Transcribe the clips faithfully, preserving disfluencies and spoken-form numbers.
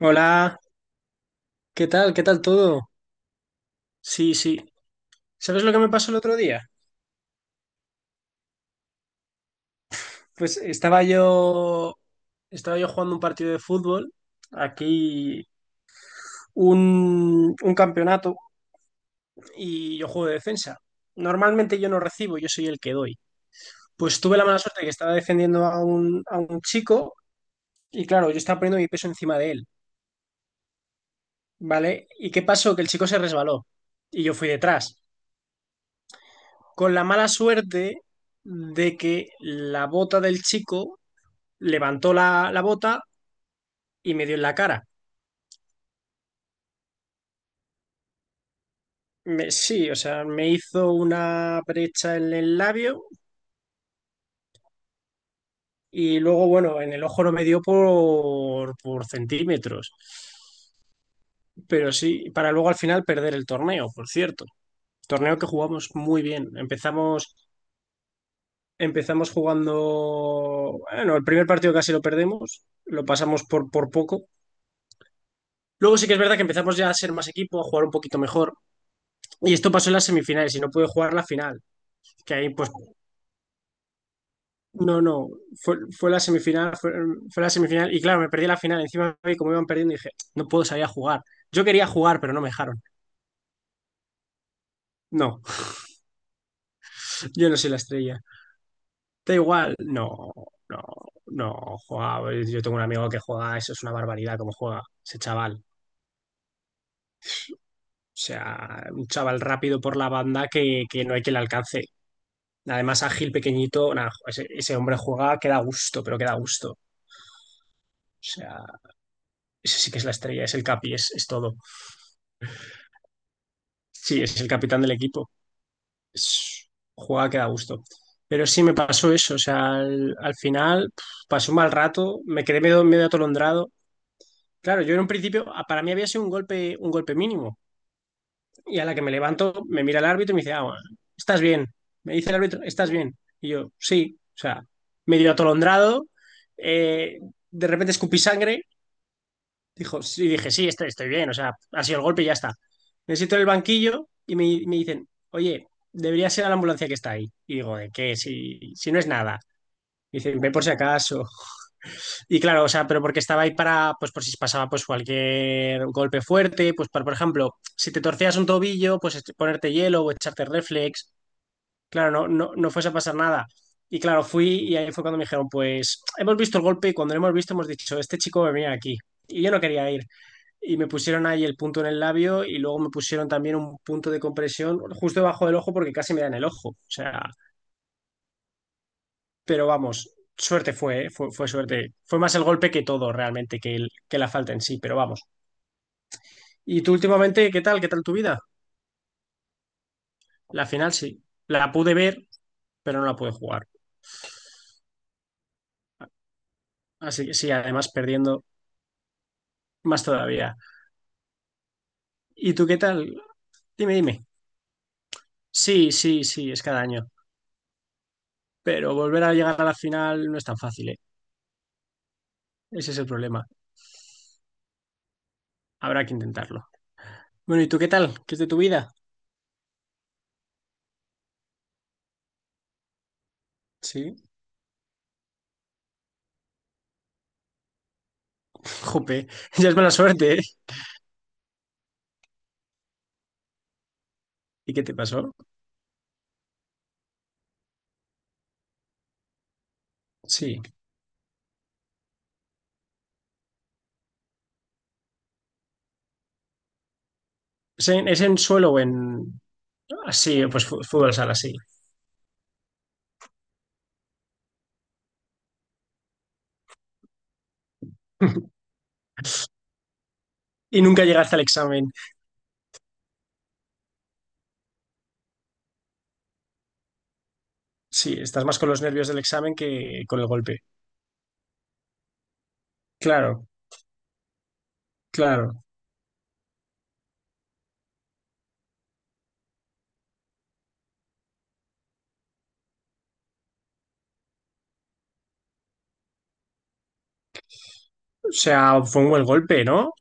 Hola, ¿qué tal? ¿Qué tal todo? Sí, sí. ¿Sabes lo que me pasó el otro día? Pues estaba yo, estaba yo jugando un partido de fútbol, aquí un, un campeonato, y yo juego de defensa. Normalmente yo no recibo, yo soy el que doy. Pues tuve la mala suerte que estaba defendiendo a un, a un chico, y claro, yo estaba poniendo mi peso encima de él, ¿vale? ¿Y qué pasó? Que el chico se resbaló, y yo fui detrás. Con la mala suerte de que la bota del chico levantó la, la bota y me dio en la cara. Me- sí, o sea, me hizo una brecha en el labio y luego, bueno, en el ojo no me dio por, por, centímetros. Pero sí, para luego al final perder el torneo, por cierto. Torneo que jugamos muy bien. Empezamos, empezamos jugando, bueno, el primer partido casi lo perdemos, lo pasamos por, por poco. Luego sí que es verdad que empezamos ya a ser más equipo, a jugar un poquito mejor. Y esto pasó en las semifinales y no pude jugar la final, que ahí pues. No, no, fue, fue la semifinal, fue, fue la semifinal y claro, me perdí la final. Encima vi como iban perdiendo y dije, no puedo salir a jugar. Yo quería jugar, pero no me dejaron. No, yo no soy la estrella. Da igual, no, no, no, jugaba. Yo tengo un amigo que juega, eso es una barbaridad como juega ese chaval. O sea, un chaval rápido por la banda que, que no hay quien le alcance. Además, ágil, pequeñito, nada, ese, ese hombre juega que da gusto, pero que da gusto. O sea, ese sí que es la estrella, es el capi, es, es todo. Sí, es el capitán del equipo. es- jugaba que da gusto. Pero sí me pasó eso, o sea, al, al final pf, pasó un mal rato, me quedé medio, medio atolondrado. Claro, yo en un principio, a- para mí había sido un golpe, un golpe mínimo. Y a la que me levanto, me mira el árbitro y me dice, ah, bueno, estás bien. Me dice el árbitro, estás bien. Y yo, sí, o sea, medio atolondrado, eh, de repente escupí sangre. Dijo, sí, dije, sí, estoy, estoy bien, o sea, ha sido el golpe y ya está. Me siento en el banquillo y me, me dicen, oye, debería ser a la ambulancia que está ahí. Y digo, ¿de qué? Si, si no es nada. Y dicen, ve por si acaso. Y claro, o sea, pero porque estaba ahí para, pues por si pasaba pues cualquier golpe fuerte, pues para, por ejemplo, si te torcías un tobillo, pues este- ponerte hielo o echarte reflex. Claro, no, no, no fuese a pasar nada. Y claro, fui y ahí fue cuando me dijeron, pues hemos visto el golpe y cuando lo hemos visto hemos dicho, este chico va a venir aquí. Y yo no quería ir y me pusieron ahí el punto en el labio y luego me pusieron también un punto de compresión justo debajo del ojo porque casi me da en el ojo. O sea, pero vamos, suerte fue, ¿eh? fue, fue suerte. Fue más el golpe que todo realmente, que, el, que la falta en sí, pero vamos. ¿Y tú últimamente qué tal? ¿Qué tal tu vida? La final sí, la pude ver, pero no la pude jugar. Así que sí, además perdiendo más todavía. ¿Y tú qué tal? Dime, dime. Sí, sí, sí, es cada año. Pero volver a llegar a la final no es tan fácil, ¿eh? Ese es el problema. Habrá que intentarlo. Bueno, ¿y tú qué tal? ¿Qué es de tu vida? Sí. Jope, ya es mala suerte, ¿eh? ¿Y qué te pasó? Sí. ¿Es en, es en suelo o en...? Así, pues fu- fútbol sala, sí. Y nunca llegaste al examen. Sí, estás más con los nervios del examen que con el golpe. Claro, claro. O sea, fue un buen golpe, ¿no?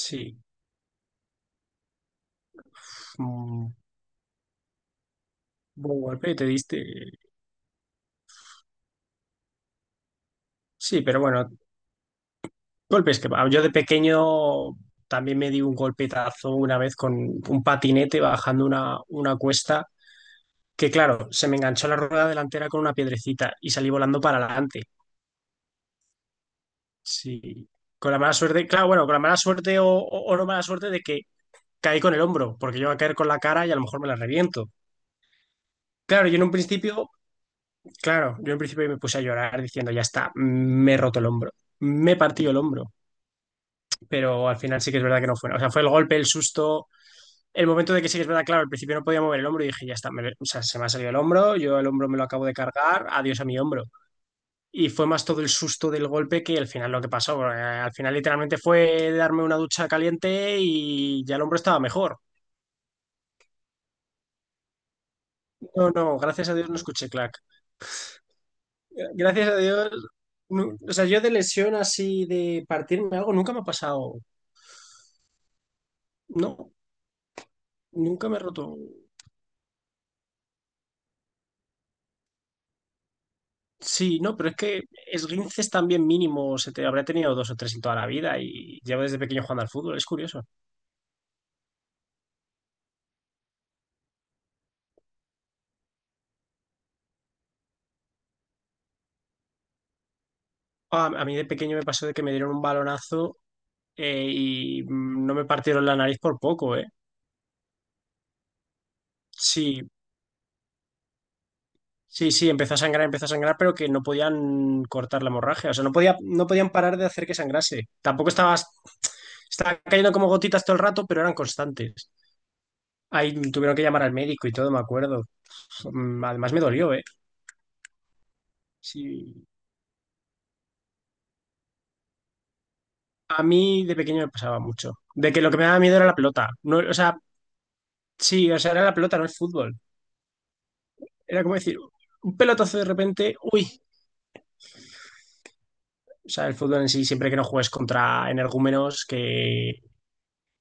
Sí. fue Un buen golpe te diste. Sí, pero bueno, golpes que... Yo de pequeño también me di un golpetazo una vez con un patinete bajando una, una cuesta. Que claro, se me enganchó la rueda delantera con una piedrecita y salí volando para adelante. Sí. Con la mala suerte, claro, bueno, con la mala suerte o, o- o no mala suerte de que caí con el hombro, porque yo iba a caer con la cara y a lo mejor me la reviento. Claro, yo en un principio, claro, yo en un principio me puse a llorar diciendo, ya está, me he roto el hombro, me he partido el hombro, pero al final sí que es verdad que no fue, o sea, fue el golpe, el susto, el momento de que sí que es verdad, claro, al principio no podía mover el hombro y dije, ya está, me- o sea, se me ha salido el hombro, yo el hombro me lo acabo de cargar, adiós a mi hombro. Y fue más todo el susto del golpe que al final lo que pasó, porque al final literalmente fue darme una ducha caliente y ya el hombro estaba mejor. No, no, gracias a Dios no escuché clac. Gracias a Dios. No- o sea, yo de lesión así de partirme algo nunca me ha pasado. No, nunca me he roto. Sí, no, pero es que esguinces también mínimo. Se te, habré tenido dos o tres en toda la vida y llevo desde pequeño jugando al fútbol. Es curioso. A, a mí de pequeño me pasó de que me dieron un balonazo eh, y mm, no me partieron la nariz por poco. Sí, sí, sí, empezó a sangrar, empezó a sangrar, pero que no podían cortar la hemorragia. O sea, no podía, no podían parar de hacer que sangrase. Tampoco estaba, estaba cayendo como gotitas todo el rato, pero eran constantes. Ahí tuvieron que llamar al médico y todo, me acuerdo. Mm, Además me dolió, ¿eh? Sí. A mí de pequeño me pasaba mucho. De que lo que me daba miedo era la pelota. No, o sea, sí, o sea, era la pelota, no el fútbol. Era como decir, un pelotazo de repente, uy. O sea, el fútbol en sí, siempre que no juegues contra energúmenos que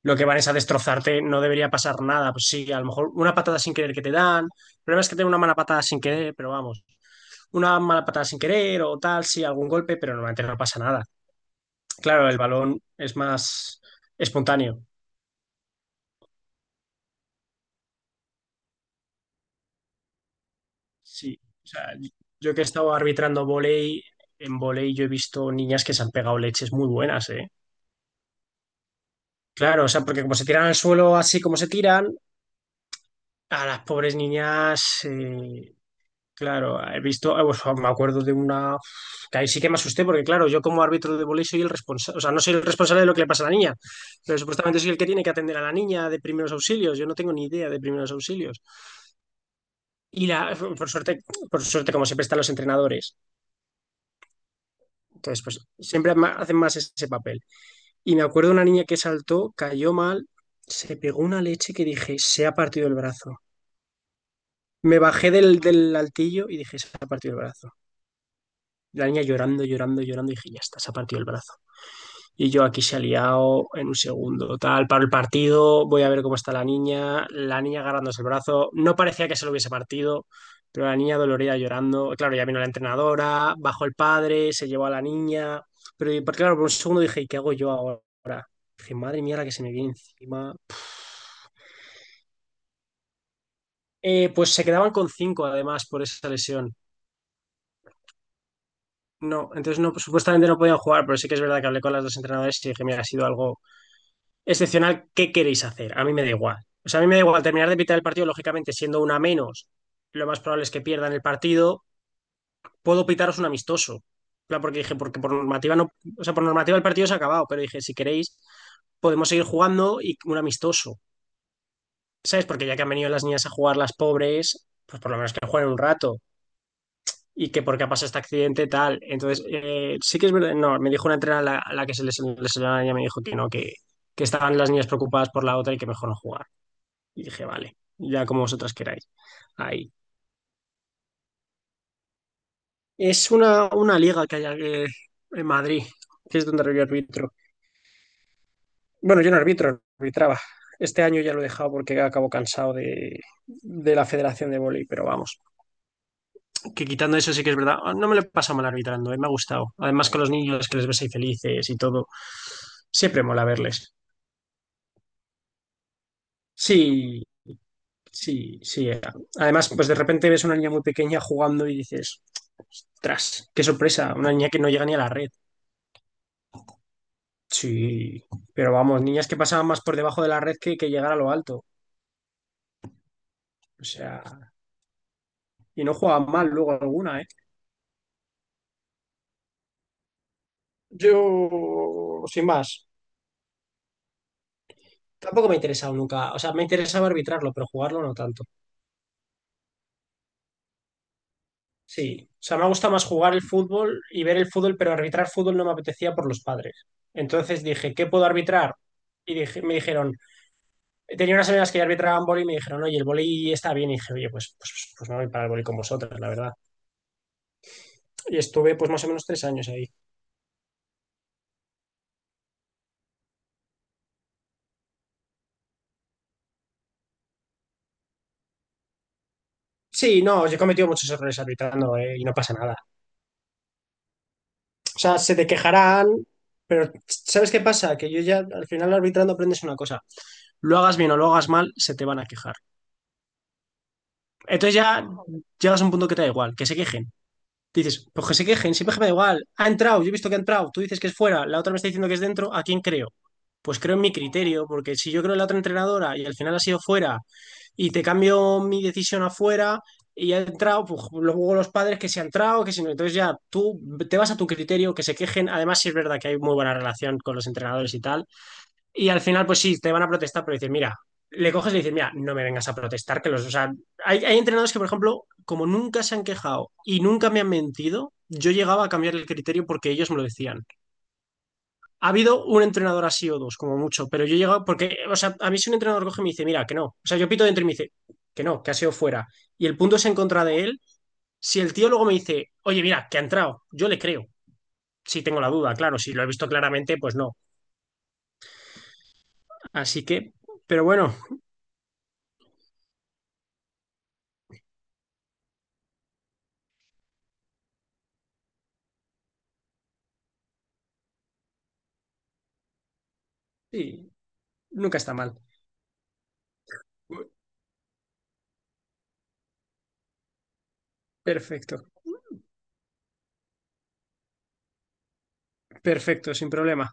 lo que van es a destrozarte, no debería pasar nada. Pues sí, a lo mejor una patada sin querer que te dan. El problema es que tengo una mala patada sin querer, pero vamos, una mala patada sin querer o tal, sí, algún golpe, pero normalmente no pasa nada. Claro, el balón es más espontáneo. Sí, o sea, yo que he estado arbitrando volei, en volei yo he visto niñas que se han pegado leches muy buenas, ¿eh? Claro, o sea, porque como se tiran al suelo así como se tiran, a las pobres niñas eh, Claro, he visto, eh, pues, me acuerdo de una que ahí sí que me asusté porque claro, yo como árbitro de volei soy el responsable, o sea, no soy el responsable de lo que le pasa a la niña, pero supuestamente soy el que tiene que atender a la niña de primeros auxilios, yo no tengo ni idea de primeros auxilios. Y la, eh, por suerte, por suerte como siempre están los entrenadores, entonces pues siempre ma- hacen más ese papel. Y me acuerdo de una niña que saltó, cayó mal, se pegó una leche que dije, se ha partido el brazo. Me bajé del, del altillo y dije, se ha partido el brazo. La niña llorando, llorando, llorando, y dije, ya está, se ha partido el brazo. Y yo aquí se ha liado en un segundo. Tal, paro el partido, voy a ver cómo está la niña. La niña agarrándose el brazo. No parecía que se lo hubiese partido, pero la niña dolorida llorando. Claro, ya vino la entrenadora, bajó el padre, se llevó a la niña. Pero y- por- claro, por un segundo dije, ¿y qué hago yo ahora? Dije, madre mía, la que se me viene encima. Eh, pues se quedaban con cinco además por esa lesión. No, entonces no, supuestamente no podían jugar, pero sí que es verdad que hablé con las dos entrenadoras y dije, mira, ha sido algo excepcional, ¿qué queréis hacer? A mí me da igual. O sea, a mí me da igual terminar de pitar el partido, lógicamente, siendo una menos, lo más probable es que pierdan el partido. Puedo pitaros un amistoso. Claro, porque dije, porque por normativa no, o sea, por normativa el partido se ha acabado, pero dije, si queréis, podemos seguir jugando y un amistoso. ¿Sabes? Porque ya que han venido las niñas a jugar las pobres, pues por lo menos que jueguen un rato. Y que porque ha pasado este accidente, tal. Entonces, eh, sí que es verdad. No, me dijo una entrenadora a la, a la que se les lesionó la niña. Me dijo que no, que, que estaban las niñas preocupadas por la otra y que mejor no jugar. Y dije, vale, ya como vosotras queráis. Ahí. Es una, una liga que hay aquí en Madrid, que es donde yo arbitro. Bueno, yo no arbitro, arbitraba. Este año ya lo he dejado porque acabo cansado de, de la Federación de Vóley, pero vamos, que quitando eso sí que es verdad. ah, No me lo he pasado mal arbitrando, eh, me ha gustado. Además con los niños que les ves ahí felices y todo, siempre mola verles. Sí, sí, sí. Además, pues de repente ves una niña muy pequeña jugando y dices, tras, qué sorpresa, una niña que no llega ni a la red. Sí, pero vamos, niñas que pasaban más por debajo de la red que, que llegar a lo alto. O sea, y no jugaban mal luego alguna, ¿eh? Yo, sin más, tampoco me ha interesado nunca. O sea, me interesaba arbitrarlo, pero jugarlo no tanto. Sí, o sea, me gusta más jugar el fútbol y ver el fútbol, pero arbitrar fútbol no me apetecía por los padres. Entonces dije, ¿qué puedo arbitrar? Y dije, me dijeron, tenía unas amigas que ya arbitraban vóley y me dijeron, oye, el vóley está bien. Y dije, oye, pues, pues, pues me voy para el vóley con vosotras, la verdad. Y estuve pues más o menos tres años ahí. Sí, no, yo he cometido muchos errores arbitrando, eh, y no pasa nada. O sea, se te quejarán, pero ¿sabes qué pasa? Que yo ya al final arbitrando aprendes una cosa. Lo hagas bien o lo hagas mal, se te van a quejar. Entonces ya llegas a un punto que te da igual, que se quejen. Dices, pues que se quejen, siempre que me da igual. Ha entrado, yo he visto que ha entrado, tú dices que es fuera, la otra me está diciendo que es dentro, ¿a quién creo? Pues creo en mi criterio, porque si yo creo en la otra entrenadora y al final ha sido fuera y te cambio mi decisión afuera y ha entrado, pues luego los padres que se han entrado, que si no, entonces ya tú te vas a tu criterio, que se quejen. Además sí es verdad que hay muy buena relación con los entrenadores y tal, y al final pues sí, te van a protestar, pero dices, mira, le coges y le dices, mira, no me vengas a protestar, que los, o sea, hay, hay entrenadores que por ejemplo, como nunca se han quejado y nunca me han mentido, yo llegaba a cambiar el criterio porque ellos me lo decían. Ha habido un entrenador así o dos, como mucho, pero yo he llegado, porque, o sea, a mí si un entrenador coge y me dice, mira, que no, o sea, yo pito dentro y me dice, que no, que ha sido fuera, y el punto es en contra de él, si el tío luego me dice, oye, mira, que ha entrado, yo le creo, si tengo la duda, claro, si lo he visto claramente, pues no. Así que, pero bueno, sí, nunca está mal. Perfecto, perfecto, sin problema.